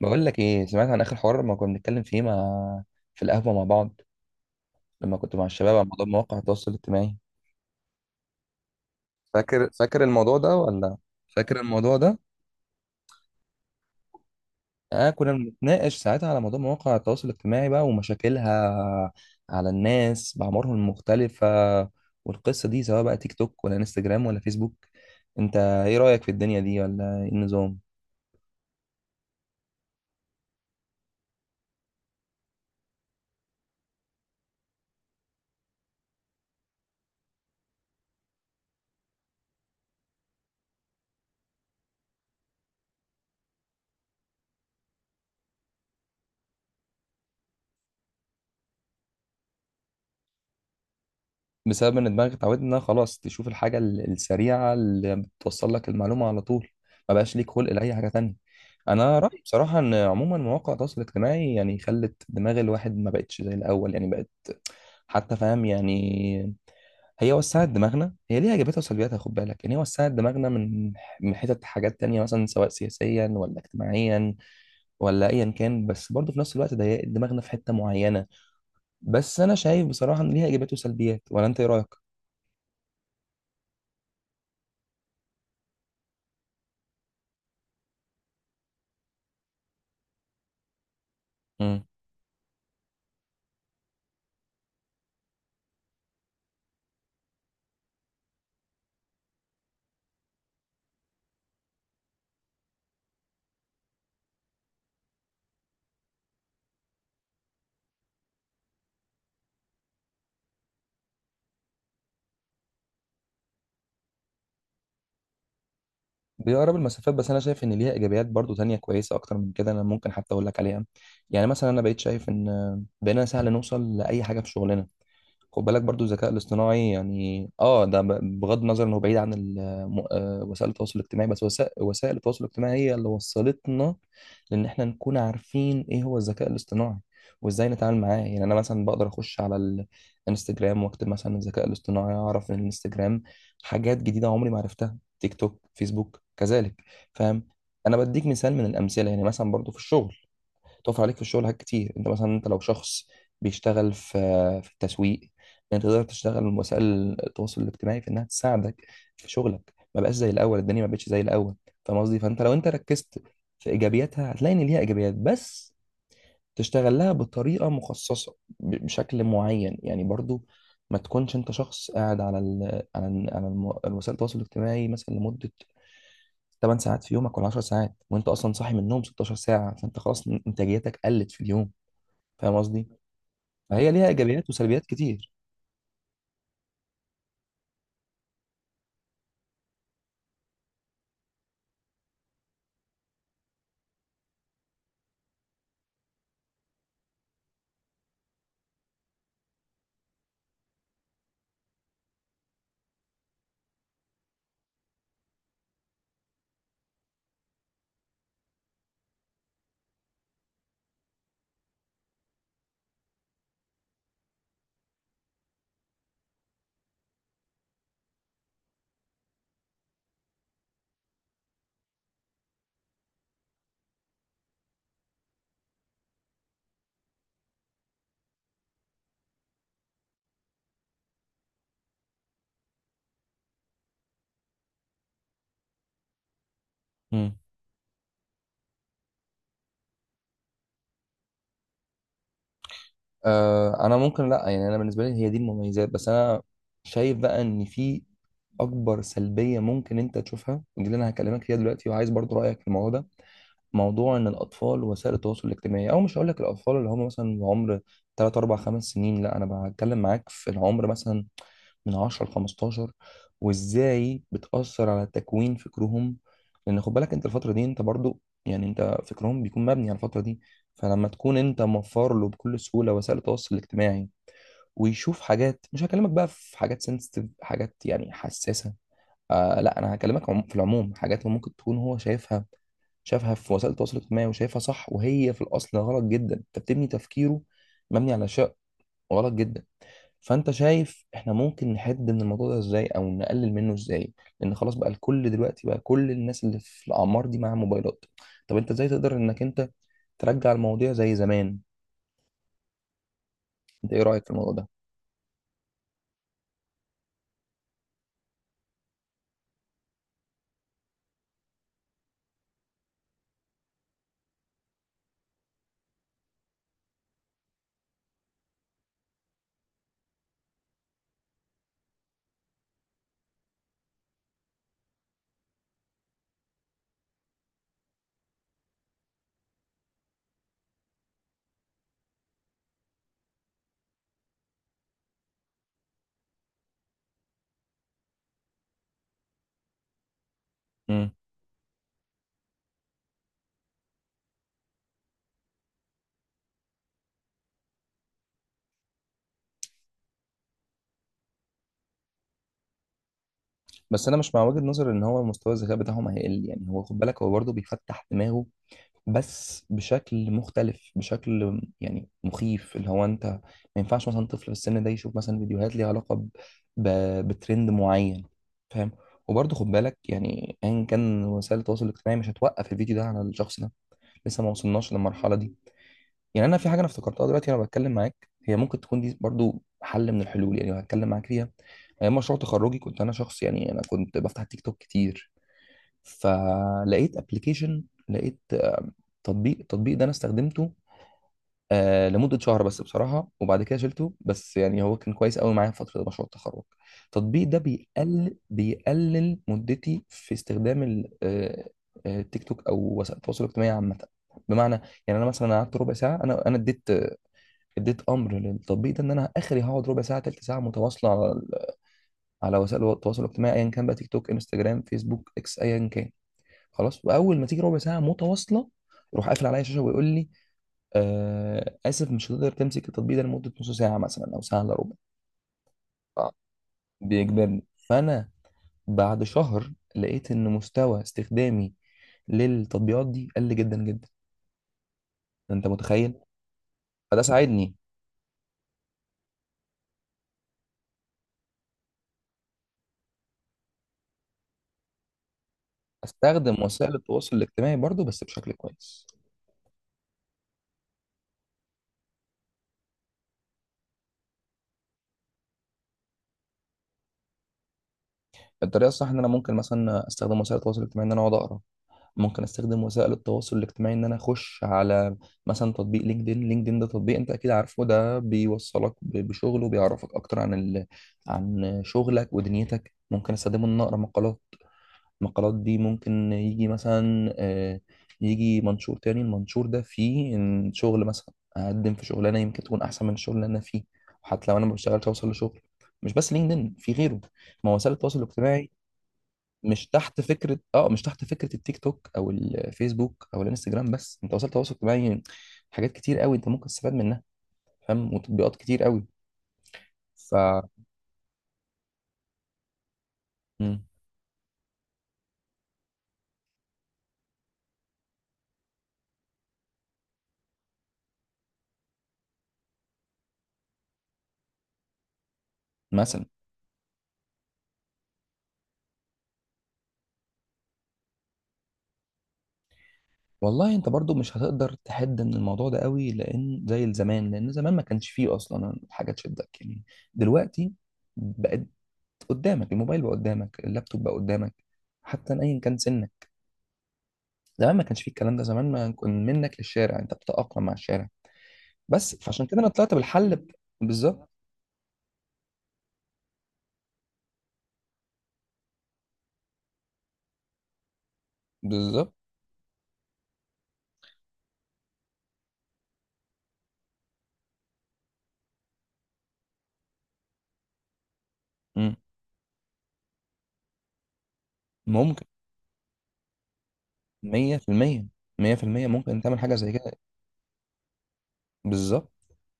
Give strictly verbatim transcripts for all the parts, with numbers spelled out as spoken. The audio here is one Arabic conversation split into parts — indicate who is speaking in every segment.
Speaker 1: بقول لك ايه؟ سمعت عن اخر حوار ما كنا بنتكلم فيه مع في القهوه مع بعض، لما كنت مع الشباب، على موضوع مواقع التواصل الاجتماعي. فاكر فاكر الموضوع ده ولا؟ فاكر الموضوع ده. اه، كنا بنتناقش ساعتها على موضوع مواقع التواصل الاجتماعي بقى، ومشاكلها على الناس بأعمارهم المختلفه، والقصه دي سواء بقى تيك توك ولا انستجرام ولا فيسبوك. انت ايه رأيك في الدنيا دي، ولا ايه النظام؟ بسبب ان دماغك اتعودت انها خلاص تشوف الحاجه ال- السريعه اللي بتوصل لك المعلومه على طول. ما بقاش ليك خلق لاي حاجه تانية. انا رايي بصراحه ان عموما مواقع التواصل الاجتماعي يعني خلت دماغ الواحد ما بقتش زي الاول، يعني بقت حتى، فاهم؟ يعني هي وسعت دماغنا، هي ليها ايجابياتها وسلبياتها، خد بالك. يعني هي وسعت دماغنا من من حتت حاجات تانية، مثلا سواء سياسيا ولا اجتماعيا ولا ايا كان. بس برضه في نفس الوقت ضيقت دماغنا في حته معينه. بس انا شايف بصراحه ان ليها ايجابيات وسلبيات، ولا انت ايه رايك؟ بيقرب المسافات. بس انا شايف ان ليها ايجابيات برضو تانية كويسه اكتر من كده، انا ممكن حتى اقول لك عليها. يعني مثلا انا بقيت شايف ان بقينا سهل نوصل لاي حاجه في شغلنا. خد بالك برضو الذكاء الاصطناعي، يعني اه ده ب- بغض النظر انه بعيد عن ال- م- آه، وسائل التواصل الاجتماعي. بس وسا- وسائل التواصل الاجتماعي هي اللي وصلتنا، لان احنا نكون عارفين ايه هو الذكاء الاصطناعي، وازاي نتعامل معاه. يعني انا مثلا بقدر اخش على الانستجرام، واكتب مثلا الذكاء الاصطناعي، اعرف ان الانستجرام حاجات جديده عمري ما عرفتها. تيك توك، فيسبوك، كذلك. فاهم؟ انا بديك مثال من الامثله. يعني مثلا برضو في الشغل، بتقف عليك في الشغل حاجات كتير. انت مثلا، انت لو شخص بيشتغل في في التسويق، إن انت تقدر تشتغل من وسائل التواصل الاجتماعي في انها تساعدك في شغلك. ما بقاش زي الاول، الدنيا ما بقتش زي الاول. فاهم قصدي؟ فانت لو انت ركزت في ايجابياتها هتلاقي ان ليها ايجابيات، بس تشتغل لها بطريقه مخصصه ب- بشكل معين. يعني برضو ما تكونش انت شخص قاعد على ال على ال على الم- وسائل التواصل الاجتماعي مثلا لمده ثماني ساعات في يومك ولا عشر ساعات، وانت اصلا صاحي من النوم ست عشرة ساعه، فانت خلاص انتاجيتك قلت في اليوم. فاهم قصدي؟ فهي ليها ايجابيات وسلبيات كتير. مم. آه، انا ممكن لا، يعني انا بالنسبه لي هي دي المميزات. بس انا شايف بقى ان في اكبر سلبيه ممكن انت تشوفها، ودي اللي انا هكلمك فيها دلوقتي، وعايز برضو رايك في الموضوع ده. موضوع ان الاطفال وسائل التواصل الاجتماعي، او مش هقول لك الاطفال اللي هم مثلا عمر تلات اربع خمس سنين، لا، انا بتكلم معاك في العمر مثلا من عشرة ل خمستاشر، وازاي بتأثر على تكوين فكرهم. لان خد بالك انت الفترة دي انت برضو، يعني انت فكرهم بيكون مبني على الفترة دي. فلما تكون انت موفر له بكل سهولة وسائل التواصل الاجتماعي، ويشوف حاجات، مش هكلمك بقى في حاجات سنسيتيف، حاجات يعني حساسة، آه لا، انا هكلمك عم- في العموم، حاجات ممكن تكون هو شايفها، شافها في وسائل التواصل الاجتماعي وشايفها صح، وهي في الاصل غلط جدا. انت بتبني تفكيره مبني على شيء غلط جدا. فانت شايف احنا ممكن نحد من الموضوع ده ازاي، او نقلل منه ازاي؟ لان خلاص بقى الكل دلوقتي، بقى كل الناس اللي في الاعمار دي معاها موبايلات. طب انت ازاي تقدر انك انت ترجع المواضيع زي زمان؟ انت ايه رايك في الموضوع ده؟ امم. بس انا مش مع وجهة نظر ان هو مستوى الذكاء بتاعهم هيقل، يعني هو خد بالك هو برضه بيفتح دماغه، بس بشكل مختلف، بشكل يعني مخيف. اللي هو انت ما ينفعش مثلا طفل في السن ده يشوف مثلا فيديوهات ليها علاقة ب... ب... بترند معين. فاهم؟ وبرضه خد بالك يعني ايا كان، وسائل التواصل الاجتماعي مش هتوقف الفيديو ده على الشخص ده، لسه ما وصلناش للمرحلة دي. يعني انا في حاجة انا افتكرتها دلوقتي وانا بتكلم معاك، هي ممكن تكون دي برضه حل من الحلول، يعني هتكلم معاك فيها. ايام مشروع تخرجي كنت انا شخص، يعني انا كنت بفتح تيك توك كتير، فلقيت ابلكيشن لقيت تطبيق. التطبيق ده انا استخدمته آه لمدة شهر بس بصراحة، وبعد كده شلته. بس يعني هو كان كويس قوي معايا في فترة مشروع التخرج. التطبيق ده بيقل بيقلل مدتي في استخدام ال- آه، آه، التيك توك أو وسائل التواصل الاجتماعي عامة. بمعنى، يعني أنا مثلا قعدت ربع ساعة، أنا أنا اديت اديت أمر للتطبيق ده إن أنا آخري هقعد ربع ساعة، تلت ساعة متواصلة على ال- على وسائل التواصل الاجتماعي أيا كان، بقى تيك توك، انستجرام، فيسبوك، إكس، أيا كان. خلاص، وأول ما تيجي ربع ساعة متواصلة، يروح قافل عليا الشاشة، ويقول لي: آه اسف، مش هتقدر تمسك التطبيق ده لمده نص ساعه مثلا او ساعه الا ربع. آه، بيجبرني. فانا بعد شهر لقيت ان مستوى استخدامي للتطبيقات دي قل جدا جدا. انت متخيل؟ فده ساعدني استخدم وسائل التواصل الاجتماعي برضو بس بشكل كويس. الطريقه الصح ان انا ممكن مثلا استخدم وسائل التواصل الاجتماعي ان انا اقعد اقرا، ممكن استخدم وسائل التواصل الاجتماعي ان انا اخش على مثلا تطبيق لينكدين لينكدين ده تطبيق انت اكيد عارفه، ده بيوصلك ب- بشغل، وبيعرفك اكتر عن ال... عن شغلك ودنيتك. ممكن استخدمه ان أنا اقرا مقالات، المقالات دي ممكن يجي مثلا، آه، يجي منشور تاني. المنشور ده فيه إن شغل مثلا اقدم في شغلانه يمكن تكون احسن من الشغل اللي انا فيه، وحتى لو انا ما بشتغلش اوصل لشغل. مش بس لينكدين، في غيره، ما هو وسائل التواصل الاجتماعي، مش تحت فكره، اه مش تحت فكره التيك توك او الفيسبوك او الانستجرام بس، انت وسائل التواصل الاجتماعي حاجات كتير قوي انت ممكن تستفاد منها. فاهم؟ وتطبيقات كتير قوي. ف مم. مثلا. والله انت برضو مش هتقدر تحد من الموضوع ده قوي، لان زي زمان، لان زمان ما كانش فيه اصلا حاجه تشدك، يعني دلوقتي بقت قدامك الموبايل، بقى قدامك اللابتوب، بقى قدامك حتى، ايا كان سنك. زمان ما كانش فيه الكلام ده، زمان ما كان منك للشارع، انت بتتاقلم مع الشارع بس. فعشان كده انا طلعت بالحل ب- بالظبط. بالظبط. مم. ممكن. ميه في الميه. ميه في الميه ممكن تعمل حاجه زي كده. بالظبط.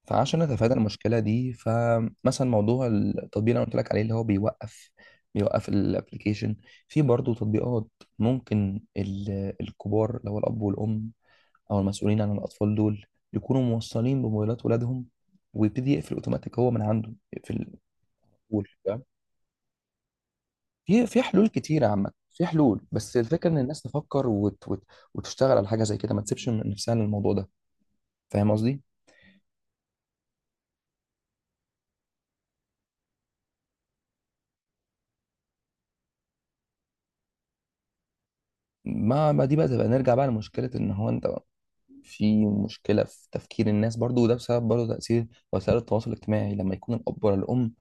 Speaker 1: فعشان نتفادى المشكله دي، فمثلا موضوع التطبيق اللي انا قلت لك عليه، اللي هو بيوقف، بيوقف الابلكيشن. في برضه تطبيقات ممكن ال- الكبار اللي هو الاب والام او المسؤولين عن الاطفال دول يكونوا موصلين بموبايلات ولادهم، ويبتدي يقفل اوتوماتيك هو من عنده، يقفل. في في حلول كتيرة عامة، في حلول، بس الفكرة إن الناس تفكر، وت... وت... وتشتغل على حاجة زي كده، ما تسيبش من نفسها للموضوع ده. فاهم قصدي؟ ما ما دي بقى تبقى نرجع بقى لمشكلة إن هو أنت في مشكلة في تفكير الناس برضو، وده بسبب برضو تأثير وسائل التواصل الاجتماعي. لما يكون الأب ولا الأم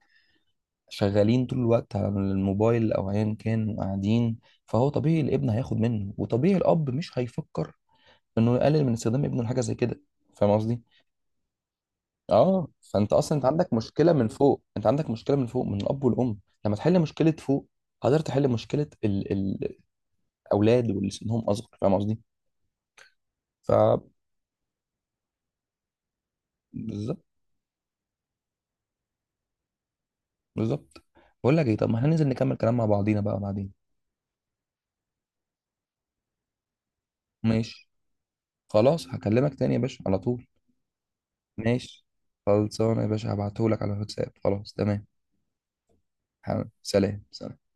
Speaker 1: شغالين طول الوقت على الموبايل أو أيا كان، وقاعدين، فهو طبيعي الابن هياخد منه، وطبيعي الأب مش هيفكر إنه يقلل من استخدام ابنه لحاجة زي كده. فاهم قصدي؟ اه، فانت اصلا انت عندك مشكله من فوق، انت عندك مشكله من فوق من الاب والام. لما تحل مشكله فوق، قدرت تحل مشكله ال... ال- الاولاد واللي سنهم اصغر. فاهم قصدي؟ ف بالظبط. بالظبط. بقول لك ايه، طب ما هننزل نكمل كلام مع بعضينا بقى بعدين. ماشي. خلاص هكلمك تاني يا باشا على طول. ماشي. خلصانه يا باشا، هبعتهولك على الواتساب. خلاص تمام. حاضر. سلام سلام.